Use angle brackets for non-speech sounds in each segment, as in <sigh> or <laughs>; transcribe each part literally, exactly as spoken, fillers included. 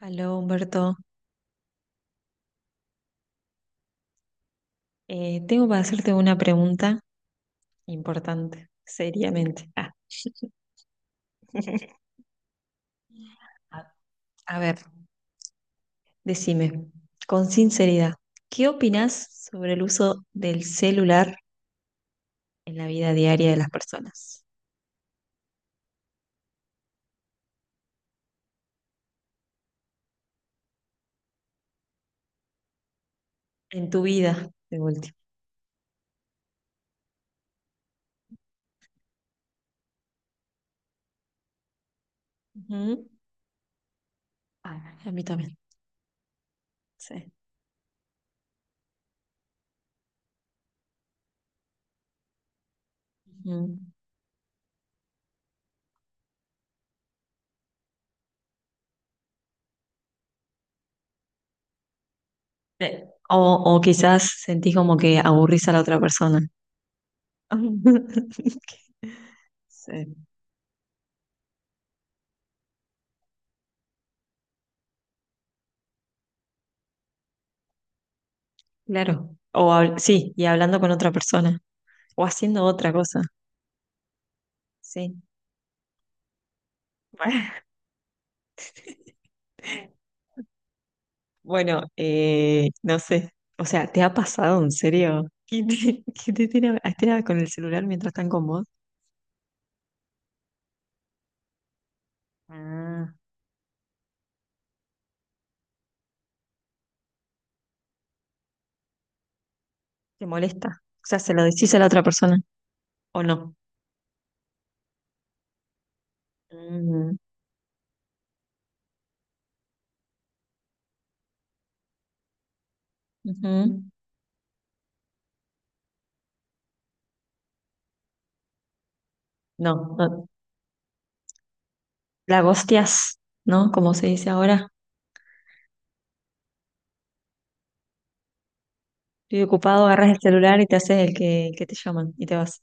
Aló, Humberto. Eh, tengo para hacerte una pregunta importante, seriamente. Ah. <laughs> A a ver, decime, con sinceridad, ¿qué opinás sobre el uso del celular en la vida diaria de las personas? En tu vida, de último. Ujú. Ah, a mí también, sí. Ujú. Eh, O, o quizás sentís como que aburrís a la otra persona. <laughs> Sí. Claro. O hab- sí, y hablando con otra persona o haciendo otra cosa. Sí. <laughs> Bueno, eh, no sé. O sea, ¿te ha pasado en serio que te, <laughs> que te tiene a- estén a- con el celular mientras están con vos? Ah. ¿Te molesta? O sea, ¿se lo decís a la otra persona o no? Mm, ujú. No, no. La gostias, ¿no? Como se dice ahora. Estoy ocupado, agarras el celular y te haces el que, el que te llaman y te vas.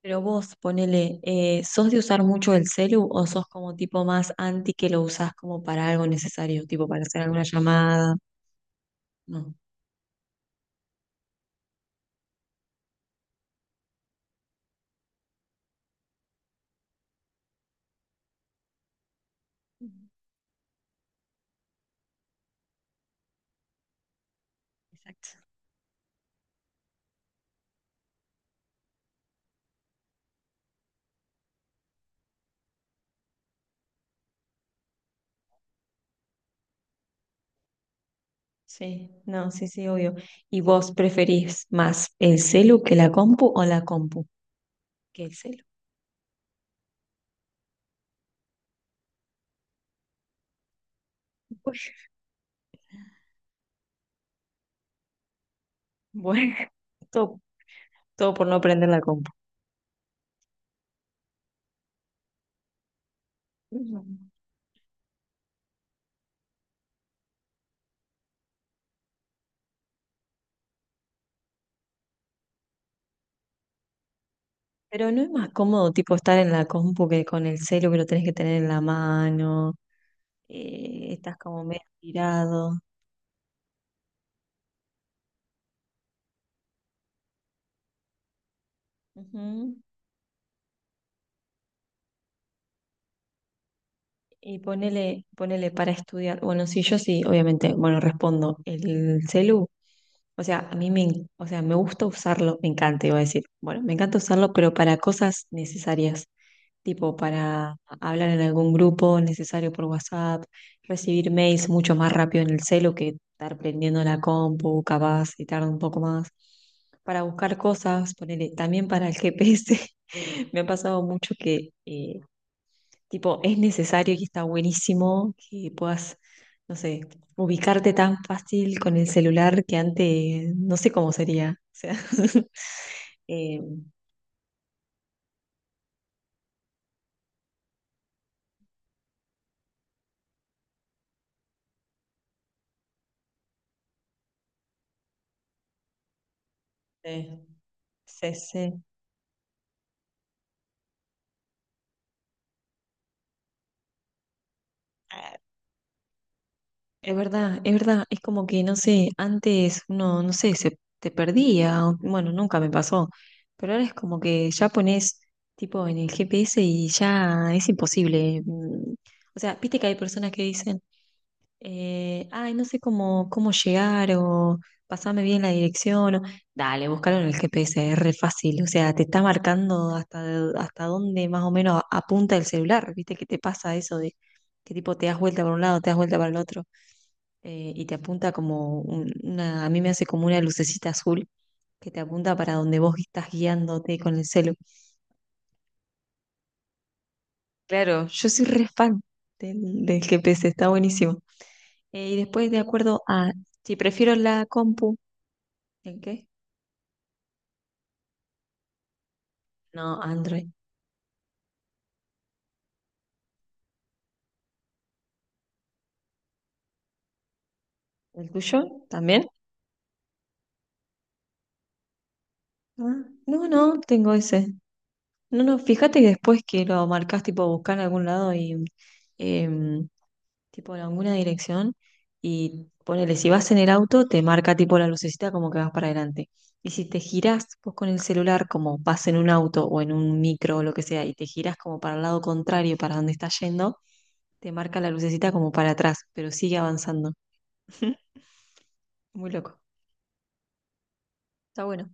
Pero vos, ponele, eh, ¿sos de usar mucho el celu o sos como tipo más anti que lo usás como para algo necesario, tipo para hacer alguna llamada? No. Exacto. Sí, no, sí, sí, obvio. ¿Y vos preferís más el celu que la compu o la compu que el celu? Uy, <laughs> bueno, todo, todo por no prender la compu. Mm. Pero no es más cómodo tipo estar en la compu que con el celu que lo tenés que tener en la mano, eh, estás como medio tirado. Ujú. Y ponele, ponele para estudiar. Bueno, sí, yo sí, obviamente, bueno, respondo el celu. O sea, a mí me, en- o sea, me gusta usarlo, me encanta, iba a decir. Bueno, me encanta usarlo, pero para cosas necesarias, tipo para hablar en algún grupo necesario por WhatsApp, recibir mails mucho más rápido en el celu que estar prendiendo la compu, capaz, y tarda un poco más. Para buscar cosas, ponele, también para el G P S. <laughs> Me ha pasado mucho que eh, tipo, es necesario y está buenísimo que puedas, no sé, ubicarte tan fácil con el celular que antes, no sé cómo sería. O sea, <laughs> eh, sí, sí, sí. Ah, es verdad, es verdad. Es como que, no sé, antes uno, no sé, se te perdía. O- bueno, nunca me pasó. Pero ahora es como que ya pones tipo en el G P S y ya es imposible. mm, O sea, viste que hay personas que dicen eh, ay, no sé cómo, cómo llegar o pasame bien la dirección. O- dale, búscalo en el G P S, es re fácil. O sea, te está marcando hasta, de- hasta dónde más o menos apunta el celular. ¿Viste que te pasa eso de que tipo te das vuelta para un lado, te das vuelta para el otro? eh, y te apunta como un- una, a mí me hace como una lucecita azul que te apunta para donde vos estás guiándote con el celu. Claro, yo soy re fan del, del G P S, está buenísimo. Eh, y después, de acuerdo a si prefiero la compu. ¿El qué? No, Android. ¿El tuyo también? Ah, no, no, tengo ese. No, no, fíjate que después que lo marcas, tipo buscar en algún lado y em, tipo en alguna dirección y ponele, si vas en el auto, te marca tipo la lucecita como que vas para adelante. Y si te girás vos con el celular, como vas en un auto o en un micro o lo que sea, y te girás como para el lado contrario, para donde estás yendo, te marca la lucecita como para atrás, pero sigue avanzando. Muy loco. Está bueno.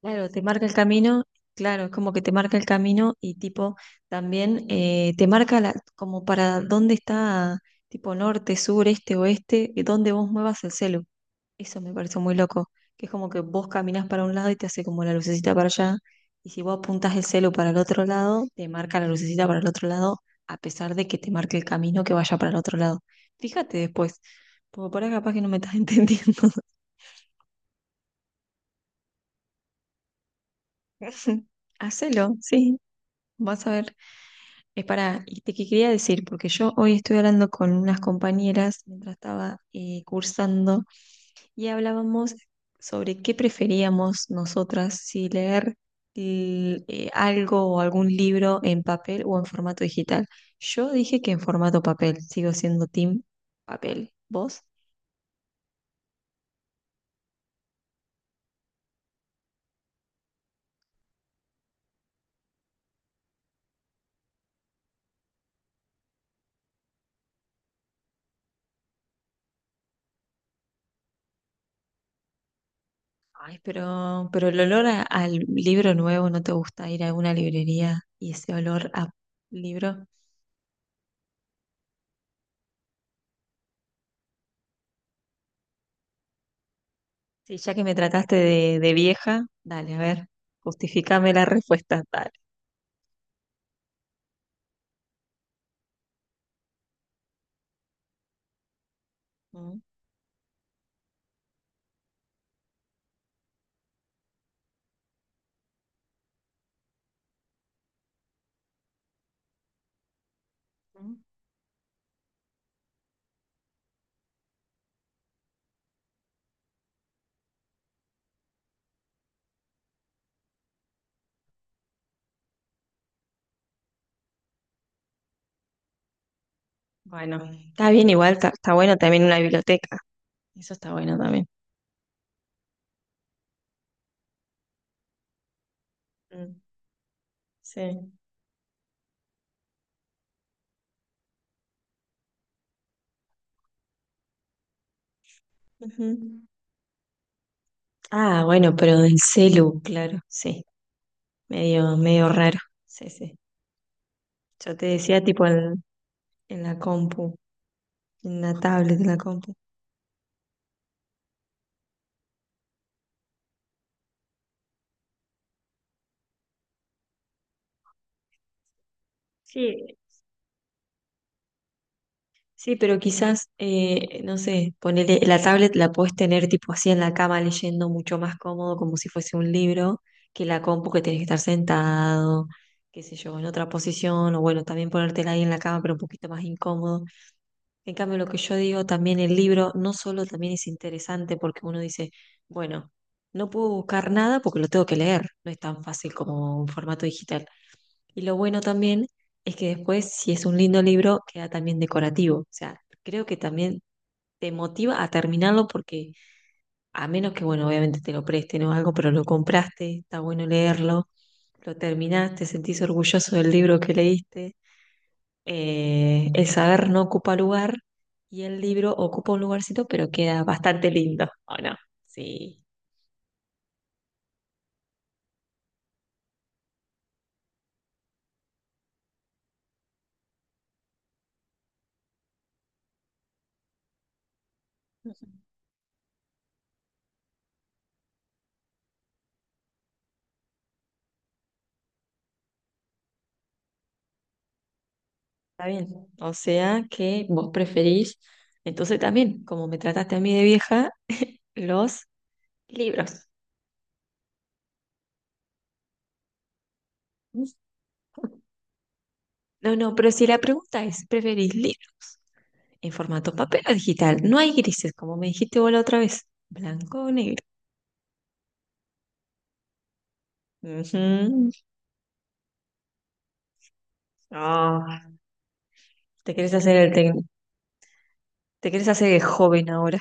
Claro, te marca el camino, claro, es como que te marca el camino y tipo también eh, te marca la, como para dónde está tipo norte, sur, este, oeste, y dónde vos muevas el celu. Eso me pareció muy loco, que es como que vos caminás para un lado y te hace como la lucecita para allá, y si vos apuntás el celu para el otro lado, te marca la lucecita para el otro lado, a pesar de que te marque el camino que vaya para el otro lado. Fíjate después, porque por ahí capaz que no me estás <laughs> entendiendo. <laughs> Hacelo, sí, vas a ver. Es para, y te que quería decir, porque yo hoy estoy hablando con unas compañeras mientras estaba eh, cursando y hablábamos sobre qué preferíamos nosotras, si leer l- eh, algo o algún libro en papel o en formato digital. Yo dije que en formato papel, sigo siendo team papel. ¿Vos? Ay, pero, pero el olor a- al libro nuevo, ¿no te gusta ir a una librería y ese olor a libro? Sí, ya que me trataste de, de vieja, dale, a ver, justifícame la respuesta, dale. Mm, mm. Bueno, está bien igual, está, está bueno también una biblioteca, eso está bueno también. Mm, sí. Ujú. Ah, bueno, pero del celu, claro, sí, medio, medio raro, sí, sí. Yo te decía tipo en, en la compu, en la tablet de la compu. Sí, sí, pero quizás, eh, no sé, ponele, la tablet la puedes tener tipo así en la cama leyendo mucho más cómodo, como si fuese un libro, que la compu que tenés que estar sentado, qué sé yo, en otra posición, o bueno, también ponértela ahí en la cama, pero un poquito más incómodo. En cambio, lo que yo digo, también el libro no solo también es interesante porque uno dice, bueno, no puedo buscar nada porque lo tengo que leer, no es tan fácil como un formato digital. Y lo bueno también es que después, si es un lindo libro, queda también decorativo. O sea, creo que también te motiva a terminarlo porque a menos que, bueno, obviamente te lo presten o algo, pero lo compraste, está bueno leerlo, lo terminaste, sentís orgulloso del libro que leíste. Eh, el saber no ocupa lugar y el libro ocupa un lugarcito, pero queda bastante lindo, ¿o no? Sí. Ujú. Está bien. O sea que vos preferís, entonces también, como me trataste a mí de vieja, los libros. No, no, pero si la pregunta es, ¿preferís libro en formato papel o digital? No hay grises, como me dijiste vos la otra vez. Blanco o negro. Ujú. Ah, te querés hacer el tec- te querés hacer el joven ahora.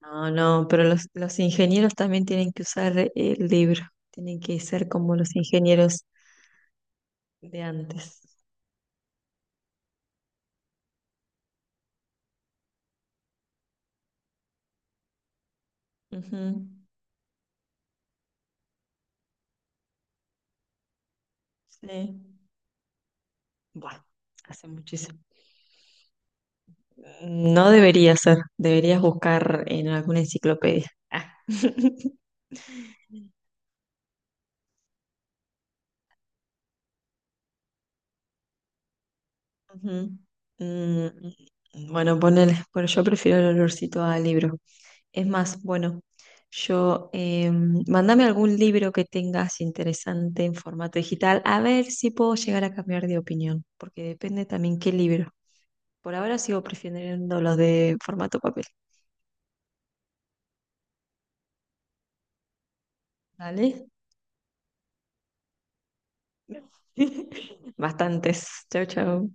No, no, pero los, los ingenieros también tienen que usar el libro. Tienen que ser como los ingenieros de antes. Ujú. Sí. Bueno, hace muchísimo. No debería ser, deberías buscar en alguna enciclopedia. Ah. <laughs> Ujú. Mm, bueno, ponele, pero yo prefiero el olorcito a libro. Es más, bueno, yo eh, mándame algún libro que tengas interesante en formato digital, a ver si puedo llegar a cambiar de opinión, porque depende también qué libro. Por ahora sigo prefiriendo los de formato papel, ¿vale? <laughs> Bastantes. Chau, chau.